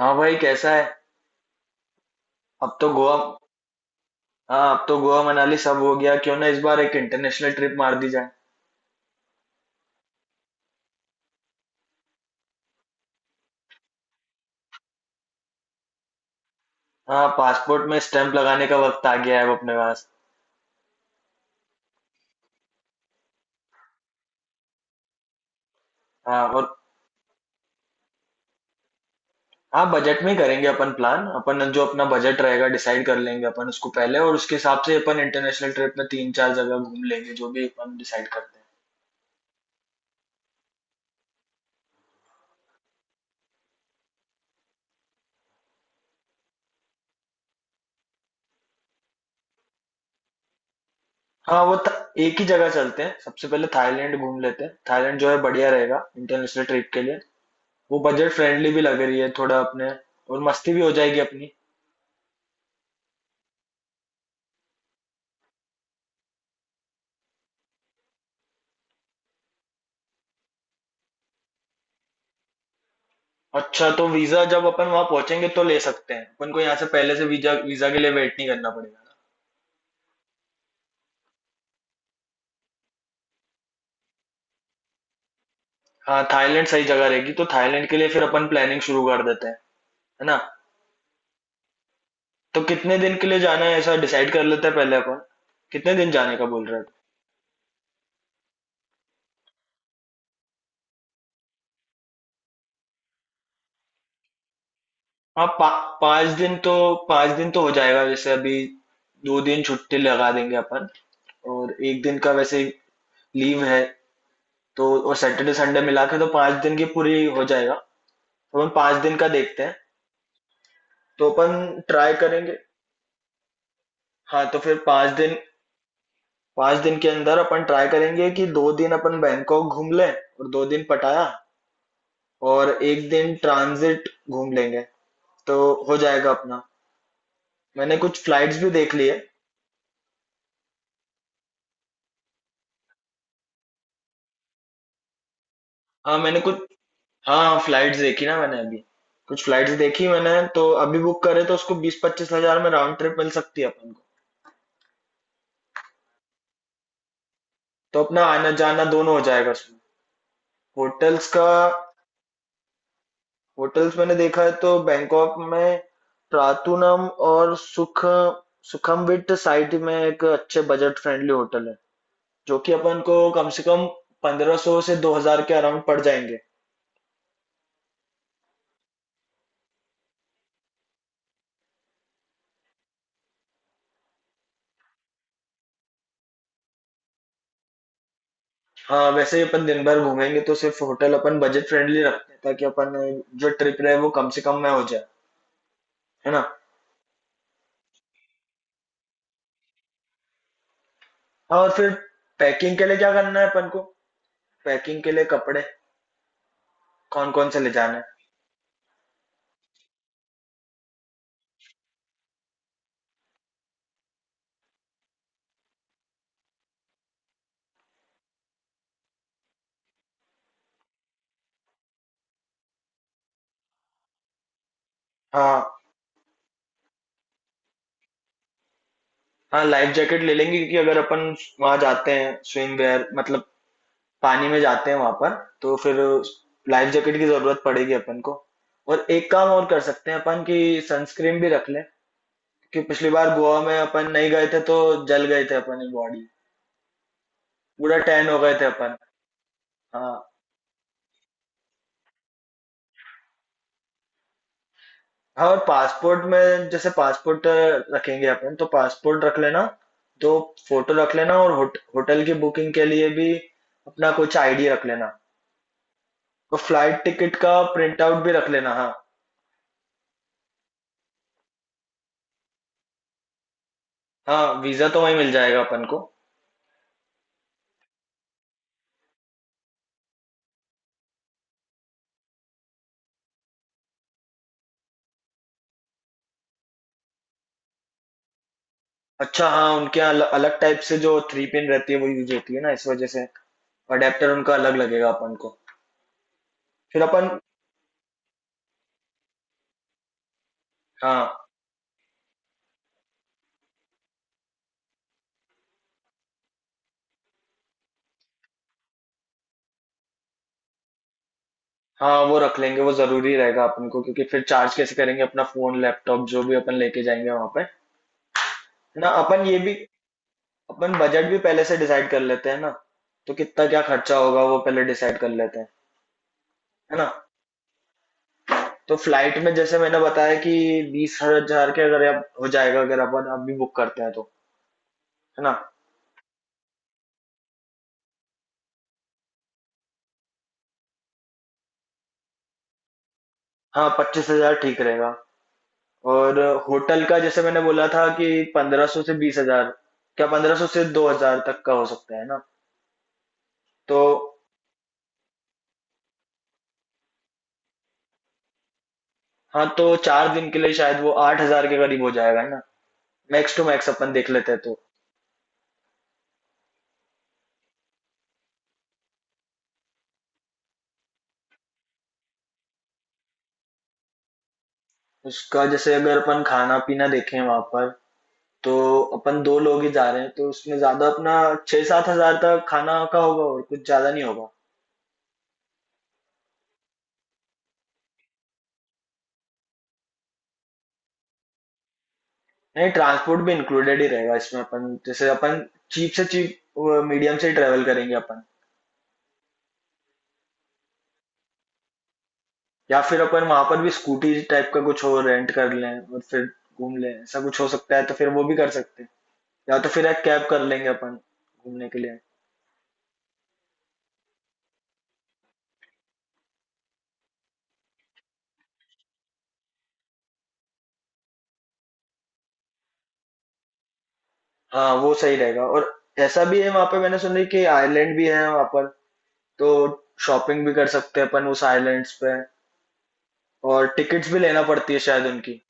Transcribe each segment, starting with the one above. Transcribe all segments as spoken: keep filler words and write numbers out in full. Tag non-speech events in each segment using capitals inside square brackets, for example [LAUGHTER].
हाँ भाई कैसा है। अब तो गोवा। हाँ, अब तो गोवा मनाली सब हो गया, क्यों ना इस बार एक इंटरनेशनल ट्रिप मार दी जाए। हाँ, पासपोर्ट में स्टैंप लगाने का वक्त आ गया है अब अपने पास। हाँ और। हाँ, बजट में ही करेंगे अपन प्लान। अपन जो अपना बजट रहेगा डिसाइड कर लेंगे अपन उसको पहले, और उसके हिसाब से अपन इंटरनेशनल ट्रिप में तीन चार जगह घूम लेंगे, जो भी अपन डिसाइड करते हैं। हाँ वो थ- एक ही जगह चलते हैं, सबसे पहले थाईलैंड घूम लेते हैं। थाईलैंड जो है बढ़िया रहेगा इंटरनेशनल ट्रिप के लिए। वो बजट फ्रेंडली भी लग रही है थोड़ा अपने। और मस्ती भी हो जाएगी अपनी। अच्छा, तो वीजा जब अपन वहां पहुंचेंगे तो ले सकते हैं अपन को, यहाँ से पहले से वीजा वीजा के लिए वेट नहीं करना पड़ेगा ना। हाँ, थाईलैंड सही जगह रहेगी, तो थाईलैंड के लिए फिर अपन प्लानिंग शुरू कर देते हैं, है ना। तो कितने दिन के लिए जाना है ऐसा डिसाइड कर लेते हैं पहले अपन। कितने दिन जाने का बोल रहे हैं। हाँ पा, पाँच दिन तो, पाँच दिन तो हो जाएगा जैसे अभी। दो दिन छुट्टी लगा देंगे अपन, और एक दिन का वैसे लीव है। तो और सैटरडे संडे मिला के तो पाँच दिन की पूरी हो जाएगा, तो अपन पाँच दिन का देखते हैं, तो अपन ट्राई करेंगे। हाँ तो फिर पाँच दिन। पाँच दिन के अंदर अपन ट्राई करेंगे कि दो दिन अपन बैंकॉक घूम लें और दो दिन पटाया, और एक दिन ट्रांजिट घूम लेंगे। तो हो जाएगा अपना। मैंने कुछ फ्लाइट्स भी देख ली है। हाँ मैंने कुछ। हाँ फ्लाइट्स देखी ना मैंने अभी, कुछ फ्लाइट्स देखी मैंने। तो अभी बुक करे तो उसको बीस पच्चीस हजार में राउंड ट्रिप मिल सकती है अपन को। तो अपना आना जाना दोनों हो जाएगा उसमें। होटल्स का। होटल्स मैंने देखा है तो बैंकॉक में ट्रातुनम और सुख सुखमविट साइट में एक अच्छे बजट फ्रेंडली होटल है, जो कि अपन को कम से कम पंद्रह सौ से दो हजार के अराउंड पड़ जाएंगे। हाँ वैसे ही अपन दिन भर घूमेंगे तो सिर्फ होटल अपन बजट फ्रेंडली रखते हैं, ताकि अपन जो ट्रिप रहे वो कम से कम में हो जाए, है ना। हाँ और फिर पैकिंग के लिए क्या करना है अपन को। पैकिंग के लिए कपड़े कौन कौन से ले जाने हैं। हाँ हाँ, लाइफ जैकेट ले लेंगे, क्योंकि अगर अपन वहां जाते हैं, स्विम वेयर मतलब पानी में जाते हैं वहां पर, तो फिर लाइफ जैकेट की जरूरत पड़ेगी अपन को। और एक काम और कर सकते हैं अपन, कि सनस्क्रीन भी रख लें, कि पिछली बार गोवा में अपन नहीं गए थे तो जल गए थे अपनी बॉडी, पूरा टैन हो गए थे अपन। हाँ हाँ, और पासपोर्ट में, जैसे पासपोर्ट रखेंगे अपन, तो पासपोर्ट रख लेना, दो फोटो रख लेना, और होट, होटल की बुकिंग के लिए भी अपना कुछ आईडी रख लेना। और फ्लाइट टिकट का प्रिंट आउट भी रख लेना, हाँ। हाँ वीजा तो वहीं मिल जाएगा अपन को। अच्छा हाँ, उनके यहाँ अल- अलग टाइप से जो थ्री पिन रहती है वो यूज होती है ना, इस वजह से अडेप्टर उनका अलग लगेगा अपन को। फिर अपन। हाँ हाँ वो रख लेंगे, वो जरूरी रहेगा अपन को, क्योंकि फिर चार्ज कैसे करेंगे अपना फोन लैपटॉप जो भी अपन लेके जाएंगे वहां पे। है ना। अपन ये भी, अपन बजट भी पहले से डिसाइड कर लेते हैं ना, तो कितना क्या खर्चा होगा वो पहले डिसाइड कर लेते हैं, है ना। तो फ्लाइट में जैसे मैंने बताया कि बीस हजार के अगर अब हो जाएगा, अगर अपन अभी बुक करते हैं तो, है ना। हाँ पच्चीस हजार ठीक रहेगा। और होटल का जैसे मैंने बोला था कि पंद्रह सौ से बीस हजार, क्या पंद्रह सौ से दो हजार तक का हो सकता है ना। तो हाँ, तो चार दिन के लिए शायद वो आठ हजार के करीब हो जाएगा, है ना, मैक्स टू मैक्स अपन देख लेते हैं। तो उसका, जैसे अगर अपन खाना पीना देखें वहां पर, तो अपन दो लोग ही जा रहे हैं तो उसमें ज्यादा अपना छह सात हजार तक खाना का होगा, और कुछ ज्यादा नहीं होगा। नहीं, ट्रांसपोर्ट भी इंक्लूडेड ही रहेगा इसमें, अपन जैसे अपन चीप से चीप मीडियम से ही ट्रेवल करेंगे अपन। या फिर अपन वहां पर भी स्कूटी टाइप का कुछ और रेंट कर लें और फिर घूम लें, ऐसा कुछ हो सकता है तो फिर वो भी कर सकते हैं, या तो फिर एक कैब कर लेंगे अपन घूमने के लिए। हाँ वो सही रहेगा। और ऐसा भी है वहां पे, मैंने सुना है कि आइलैंड भी है वहां पर, तो शॉपिंग भी कर सकते हैं अपन उस आइलैंड्स पे। और टिकट्स भी लेना पड़ती है शायद उनकी,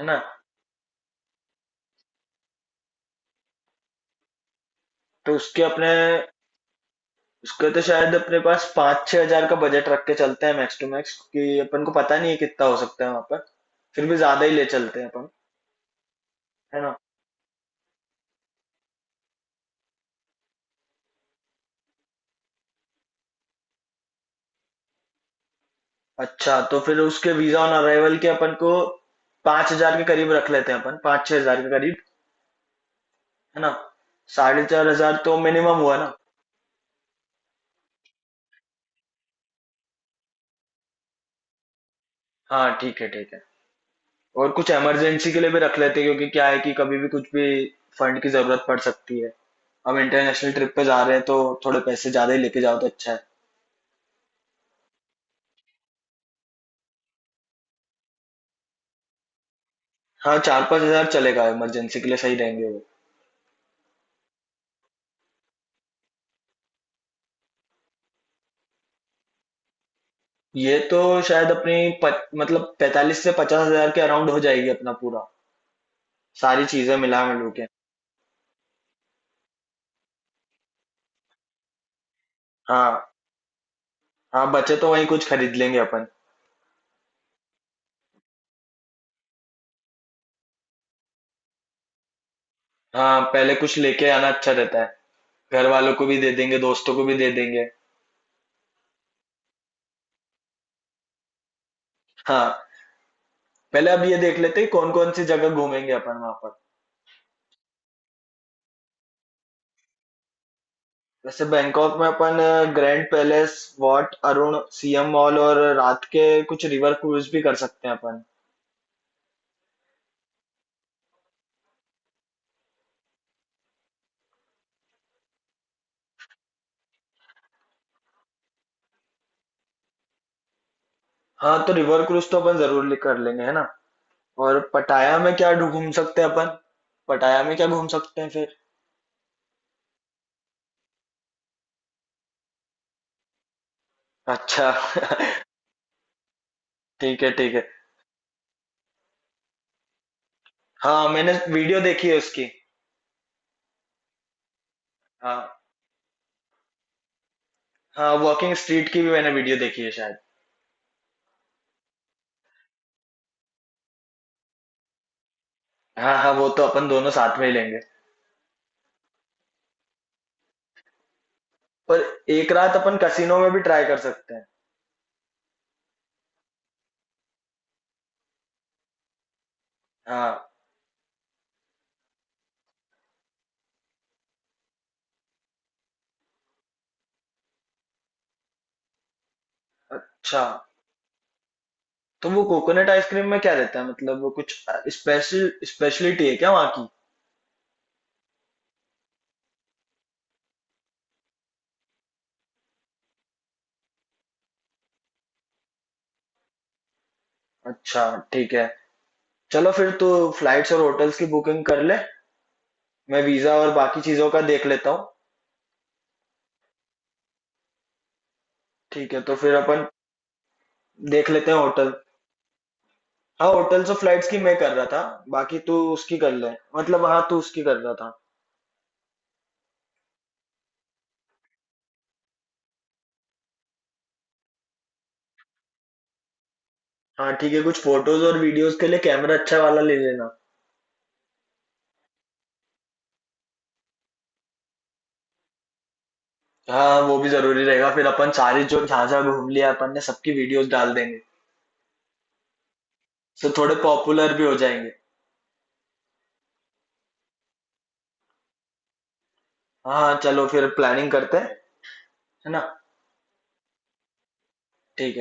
है ना। तो उसके अपने, उसके तो शायद अपने पास पाँच छह हजार का बजट रख के चलते हैं मैक्स टू मैक्स, क्योंकि अपन को पता नहीं है कितना हो सकता है वहां पर, फिर भी ज्यादा ही ले चलते हैं अपन, है ना। अच्छा तो फिर उसके वीजा ऑन अराइवल के अपन को पाँच हजार के करीब रख लेते हैं अपन, पाँच छह हजार के करीब, है ना। साढ़े चार हजार तो मिनिमम हुआ ना। हाँ ठीक है, ठीक है। और कुछ इमरजेंसी के लिए भी रख लेते हैं, क्योंकि क्या है कि कभी भी कुछ भी फंड की जरूरत पड़ सकती है, हम इंटरनेशनल ट्रिप पे जा रहे हैं तो थोड़े पैसे ज्यादा ही लेके जाओ तो अच्छा है। हाँ चार पांच हजार चलेगा, इमरजेंसी के लिए सही रहेंगे वो। ये तो शायद अपनी, पच, मतलब पैंतालीस से पचास हजार के अराउंड हो जाएगी अपना पूरा, सारी चीजें मिला मिलू के। हाँ हाँ, बचे तो वहीं कुछ खरीद लेंगे अपन। हाँ पहले कुछ लेके आना अच्छा रहता है, घर वालों को भी दे देंगे, दोस्तों को भी दे देंगे। हाँ पहले अब ये देख लेते हैं कौन कौन सी जगह घूमेंगे अपन वहां पर। वैसे बैंकॉक में अपन grand palace, Wat Arun, CM mall, और रात के कुछ रिवर क्रूज भी कर सकते हैं अपन। हाँ तो रिवर क्रूज तो अपन जरूर ले- कर लेंगे, है ना। और पटाया में क्या ढू- घूम सकते हैं अपन। पटाया में क्या घूम सकते हैं फिर। अच्छा [LAUGHS] ठीक है, ठीक है। हाँ मैंने वीडियो देखी है उसकी। हाँ हाँ, वॉकिंग स्ट्रीट की भी मैंने वीडियो देखी है शायद। हाँ हाँ वो तो अपन दोनों साथ में ही लेंगे। पर एक रात अपन कसिनो में भी ट्राई कर सकते हैं। हाँ। अच्छा, तो वो कोकोनट आइसक्रीम में क्या रहता है, मतलब वो कुछ स्पेशल स्पेशलिटी है क्या वहाँ की। अच्छा ठीक है। चलो फिर तो फ्लाइट्स और होटल्स की बुकिंग कर ले, मैं वीजा और बाकी चीजों का देख लेता हूँ। ठीक है, तो फिर अपन देख लेते हैं होटल। हाँ होटल्स और फ्लाइट्स की मैं कर रहा था, बाकी तू उसकी कर ले, मतलब हाँ तू उसकी कर रहा था। हाँ ठीक है, कुछ फोटोज और वीडियोस के लिए कैमरा अच्छा वाला ले लेना। हाँ वो भी जरूरी रहेगा, फिर अपन सारी, जो जहाँ जहाँ घूम लिया अपन ने सबकी वीडियोस डाल देंगे। तो थोड़े पॉपुलर भी हो जाएंगे। हाँ चलो फिर प्लानिंग करते हैं, है ना। ठीक है।